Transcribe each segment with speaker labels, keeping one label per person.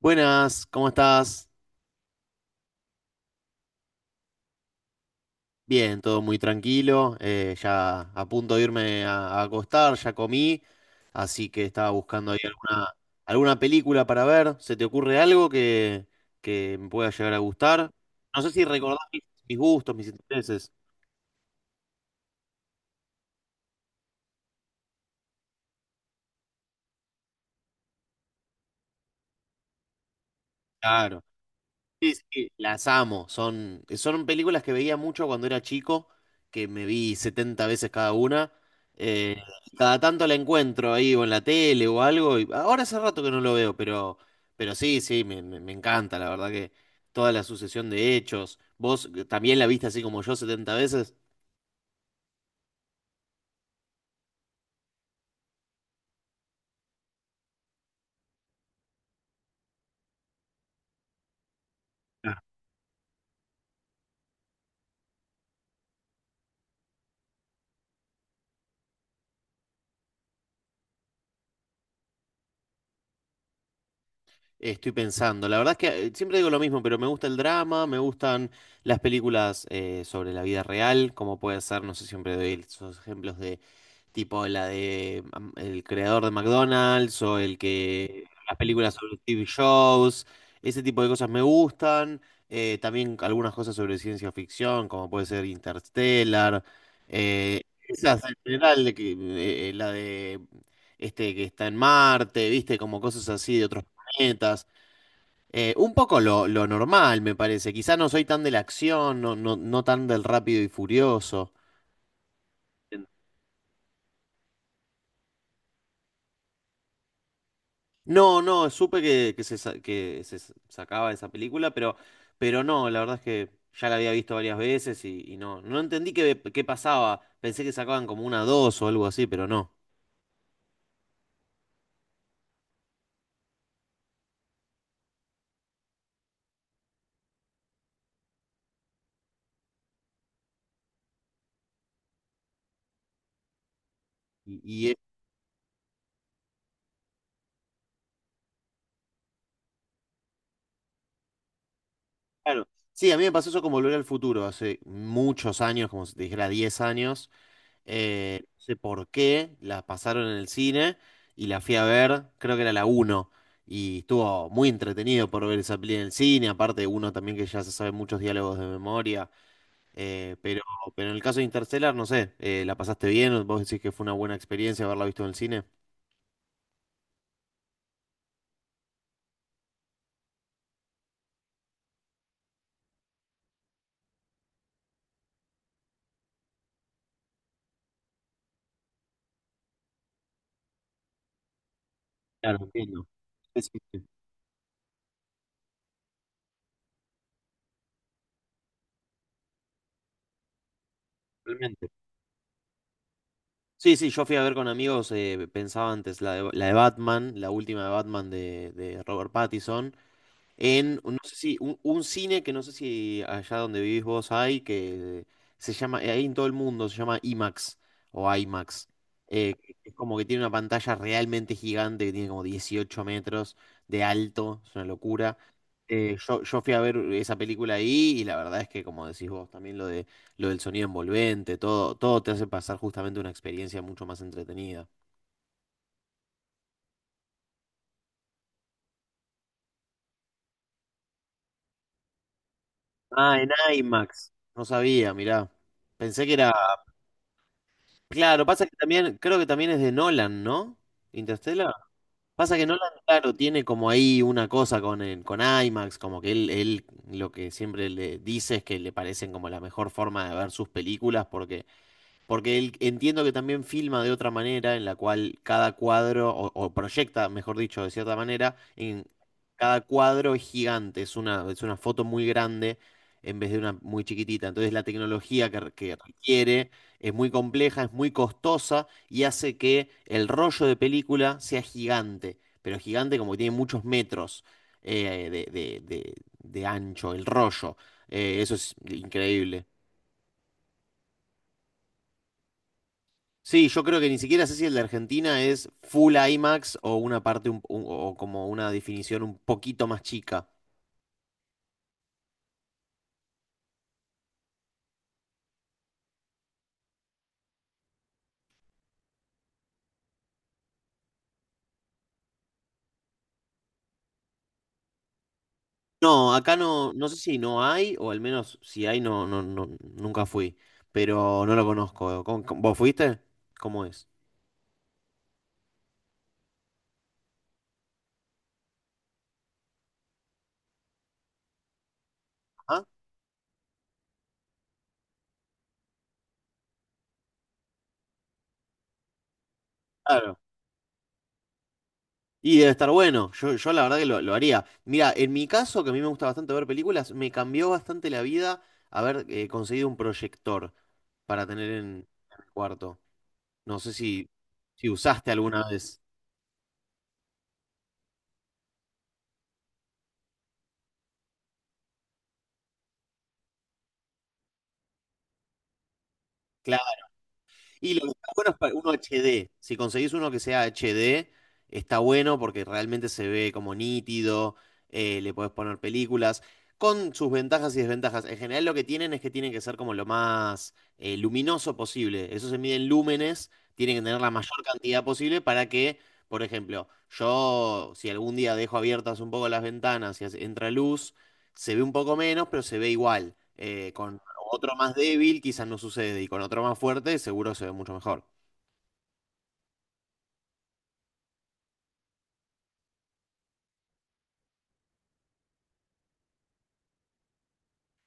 Speaker 1: Buenas, ¿cómo estás? Bien, todo muy tranquilo. Ya a punto de irme a acostar, ya comí, así que estaba buscando ahí alguna película para ver. ¿Se te ocurre algo que me pueda llegar a gustar? No sé si recordás mis gustos, mis intereses. Claro. Sí, sí, las amo. Son películas que veía mucho cuando era chico, que me vi 70 veces cada una. Eh, Cada tanto la encuentro ahí o en la tele o algo, y ahora hace rato que no lo veo, pero sí, sí, me encanta, la verdad que toda la sucesión de hechos. ¿Vos también la viste así como yo 70 veces? Ah. Estoy pensando. La verdad es que siempre digo lo mismo, pero me gusta el drama, me gustan las películas sobre la vida real, como puede ser, no sé, siempre doy esos ejemplos de tipo la de el creador de McDonald's o el que las películas sobre TV shows, ese tipo de cosas me gustan. También algunas cosas sobre ciencia ficción, como puede ser Interstellar. eh, Esas en general, de que la de este que está en Marte, viste, como cosas así de otros planetas. Un poco lo normal, me parece. Quizá no soy tan de la acción, no, no, no tan del rápido y furioso. No, no, supe que sacaba esa película, pero no, la verdad es que ya la había visto varias veces y no, no entendí qué pasaba. Pensé que sacaban como una dos o algo así, pero no. Es claro. Sí, a mí me pasó eso con Volver al Futuro, hace muchos años, como si te dijera 10 años. No sé por qué, la pasaron en el cine y la fui a ver, creo que era la uno. Y estuvo muy entretenido por ver esa peli en el cine, aparte uno también que ya se sabe muchos diálogos de memoria. Eh, pero, pero en el caso de Interstellar, no sé, ¿la pasaste bien? ¿Vos decís que fue una buena experiencia haberla visto en el cine? Claro, entiendo. Sí, sí, sí, totalmente. Sí, sí, yo fui a ver con amigos, pensaba antes la la de Batman, la última de Batman de Robert Pattinson, en, no sé si, un cine que no sé si allá donde vivís vos hay, que se llama, ahí en todo el mundo, se llama IMAX o IMAX. Eh, es como que tiene una pantalla realmente gigante, que tiene como 18 metros de alto, es una locura. Yo fui a ver esa película ahí y la verdad es que, como decís vos, también lo del sonido envolvente, todo, todo te hace pasar justamente una experiencia mucho más entretenida. Ah, en IMAX, no sabía, mirá. Pensé que era... Claro, pasa que también, creo que también es de Nolan, ¿no? Interstellar. Pasa que Nolan, claro, tiene como ahí una cosa con con IMAX, como que él lo que siempre le dice es que le parecen como la mejor forma de ver sus películas, porque él, entiendo que también filma de otra manera, en la cual cada cuadro, o proyecta, mejor dicho, de cierta manera, en cada cuadro es gigante, es es una foto muy grande en vez de una muy chiquitita. Entonces la tecnología que requiere es muy compleja, es muy costosa y hace que el rollo de película sea gigante, pero gigante como que tiene muchos metros eh, de, de- de- de ancho, el rollo. Eso es increíble. Sí, yo creo que ni siquiera sé si el de Argentina es full IMAX o una parte o como una definición un poquito más chica. No, acá no, no sé si no hay, o al menos si hay, no, no, no, nunca fui, pero no lo conozco. ¿Vos fuiste? ¿Cómo es? Ah, claro. Y debe estar bueno. Yo la verdad que lo haría. Mira, en mi caso, que a mí me gusta bastante ver películas, me cambió bastante la vida haber conseguido un proyector para tener en el cuarto. No sé si, si usaste alguna vez. Y lo que está bueno es para uno HD. Si conseguís uno que sea HD, está bueno porque realmente se ve como nítido, le podés poner películas, con sus ventajas y desventajas. En general lo que tienen es que tienen que ser como lo más luminoso posible. Eso se mide en lúmenes, tienen que tener la mayor cantidad posible para que, por ejemplo, yo si algún día dejo abiertas un poco las ventanas y hace- entra luz, se ve un poco menos, pero se ve igual. Con otro más débil quizás no sucede y con otro más fuerte seguro se ve mucho mejor.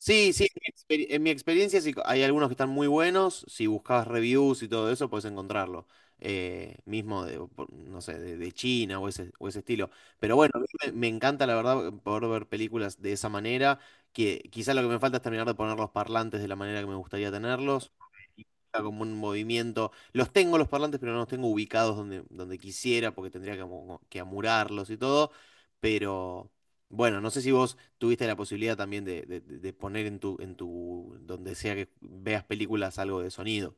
Speaker 1: Sí, sí, en mi experiencia sí, hay algunos que están muy buenos. Si buscabas reviews y todo eso, puedes encontrarlo. Mismo de, o por- no sé, de China o ese estilo. Pero bueno, a mí me encanta la verdad poder ver películas de esa manera. Que quizás lo que me falta es terminar de poner los parlantes de la manera que me gustaría tenerlos. Implica como un movimiento. Los tengo los parlantes, pero no los tengo ubicados donde, donde quisiera, porque tendría que amurarlos y todo. Pero bueno, no sé si vos tuviste la posibilidad también de poner en tu, donde sea que veas películas algo de sonido.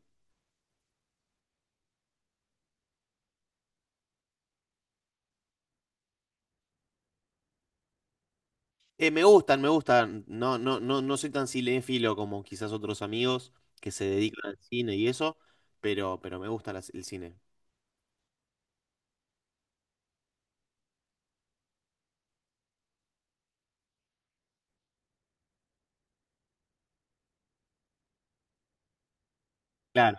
Speaker 1: Me gustan, me gustan. No, no, no, no soy tan cinéfilo como quizás otros amigos que se dedican al cine y eso, pero me gusta el cine. Claro,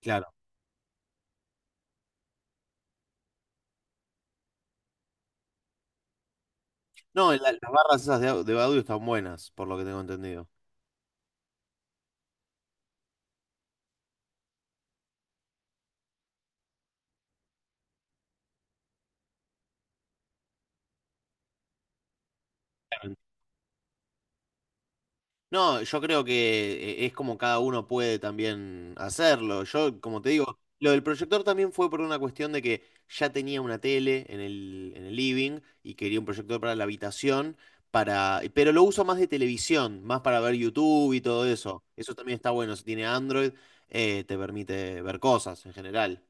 Speaker 1: claro. No, las barras esas de audio están buenas, por lo que tengo entendido. No, yo creo que es como cada uno puede también hacerlo. Yo, como te digo, lo del proyector también fue por una cuestión de que ya tenía una tele en en el living y quería un proyector para la habitación, para, pero lo uso más de televisión, más para ver YouTube y todo eso. Eso también está bueno. Si tiene Android, te permite ver cosas en general.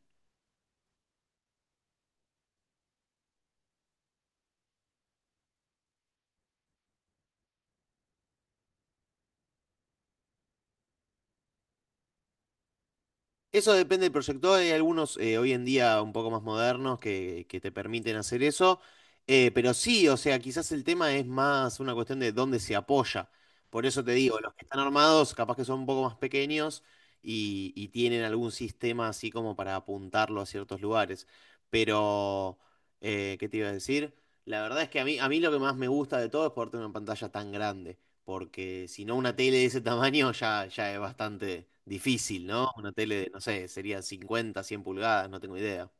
Speaker 1: Eso depende del proyector. Hay algunos hoy en día un poco más modernos que te permiten hacer eso. Pero sí, o sea, quizás el tema es más una cuestión de dónde se apoya. Por eso te digo, los que están armados capaz que son un poco más pequeños y tienen algún sistema así como para apuntarlo a ciertos lugares. Pero, ¿Qué te iba a decir? La verdad es que a mí lo que más me gusta de todo es poder tener una pantalla tan grande porque si no una tele de ese tamaño ya, ya es bastante difícil, ¿no? Una tele de, no sé, sería 50, 100 pulgadas, no tengo idea.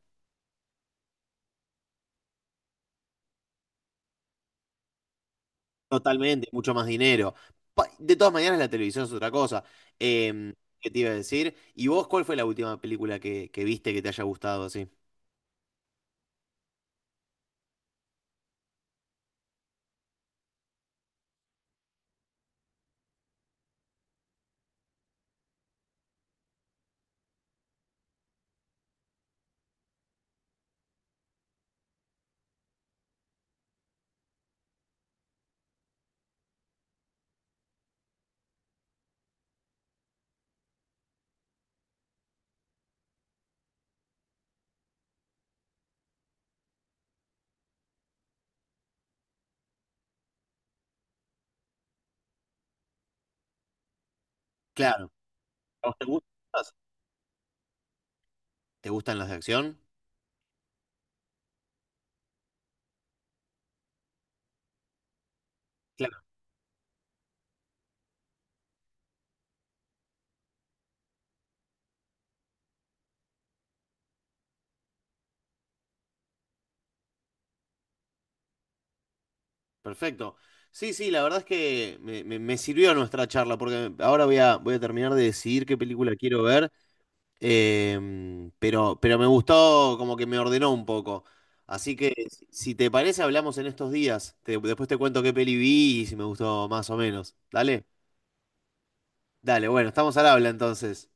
Speaker 1: Totalmente, mucho más dinero. Pa- De todas maneras, la televisión es otra cosa. Em, ¿Qué te iba a decir? ¿Y vos cuál fue la última película que viste que te haya gustado así? Claro. ¿A vos te gustas? ¿Te gustan las de acción? Claro. Perfecto. Sí, sí, la verdad es que me sirvió nuestra charla porque ahora voy voy a terminar de decidir qué película quiero ver. Pero me gustó, como que me ordenó un poco. Así que, si si te parece, hablamos en estos días. Te- después te cuento qué peli vi y si me gustó más o menos. Dale, dale, bueno, estamos al habla entonces.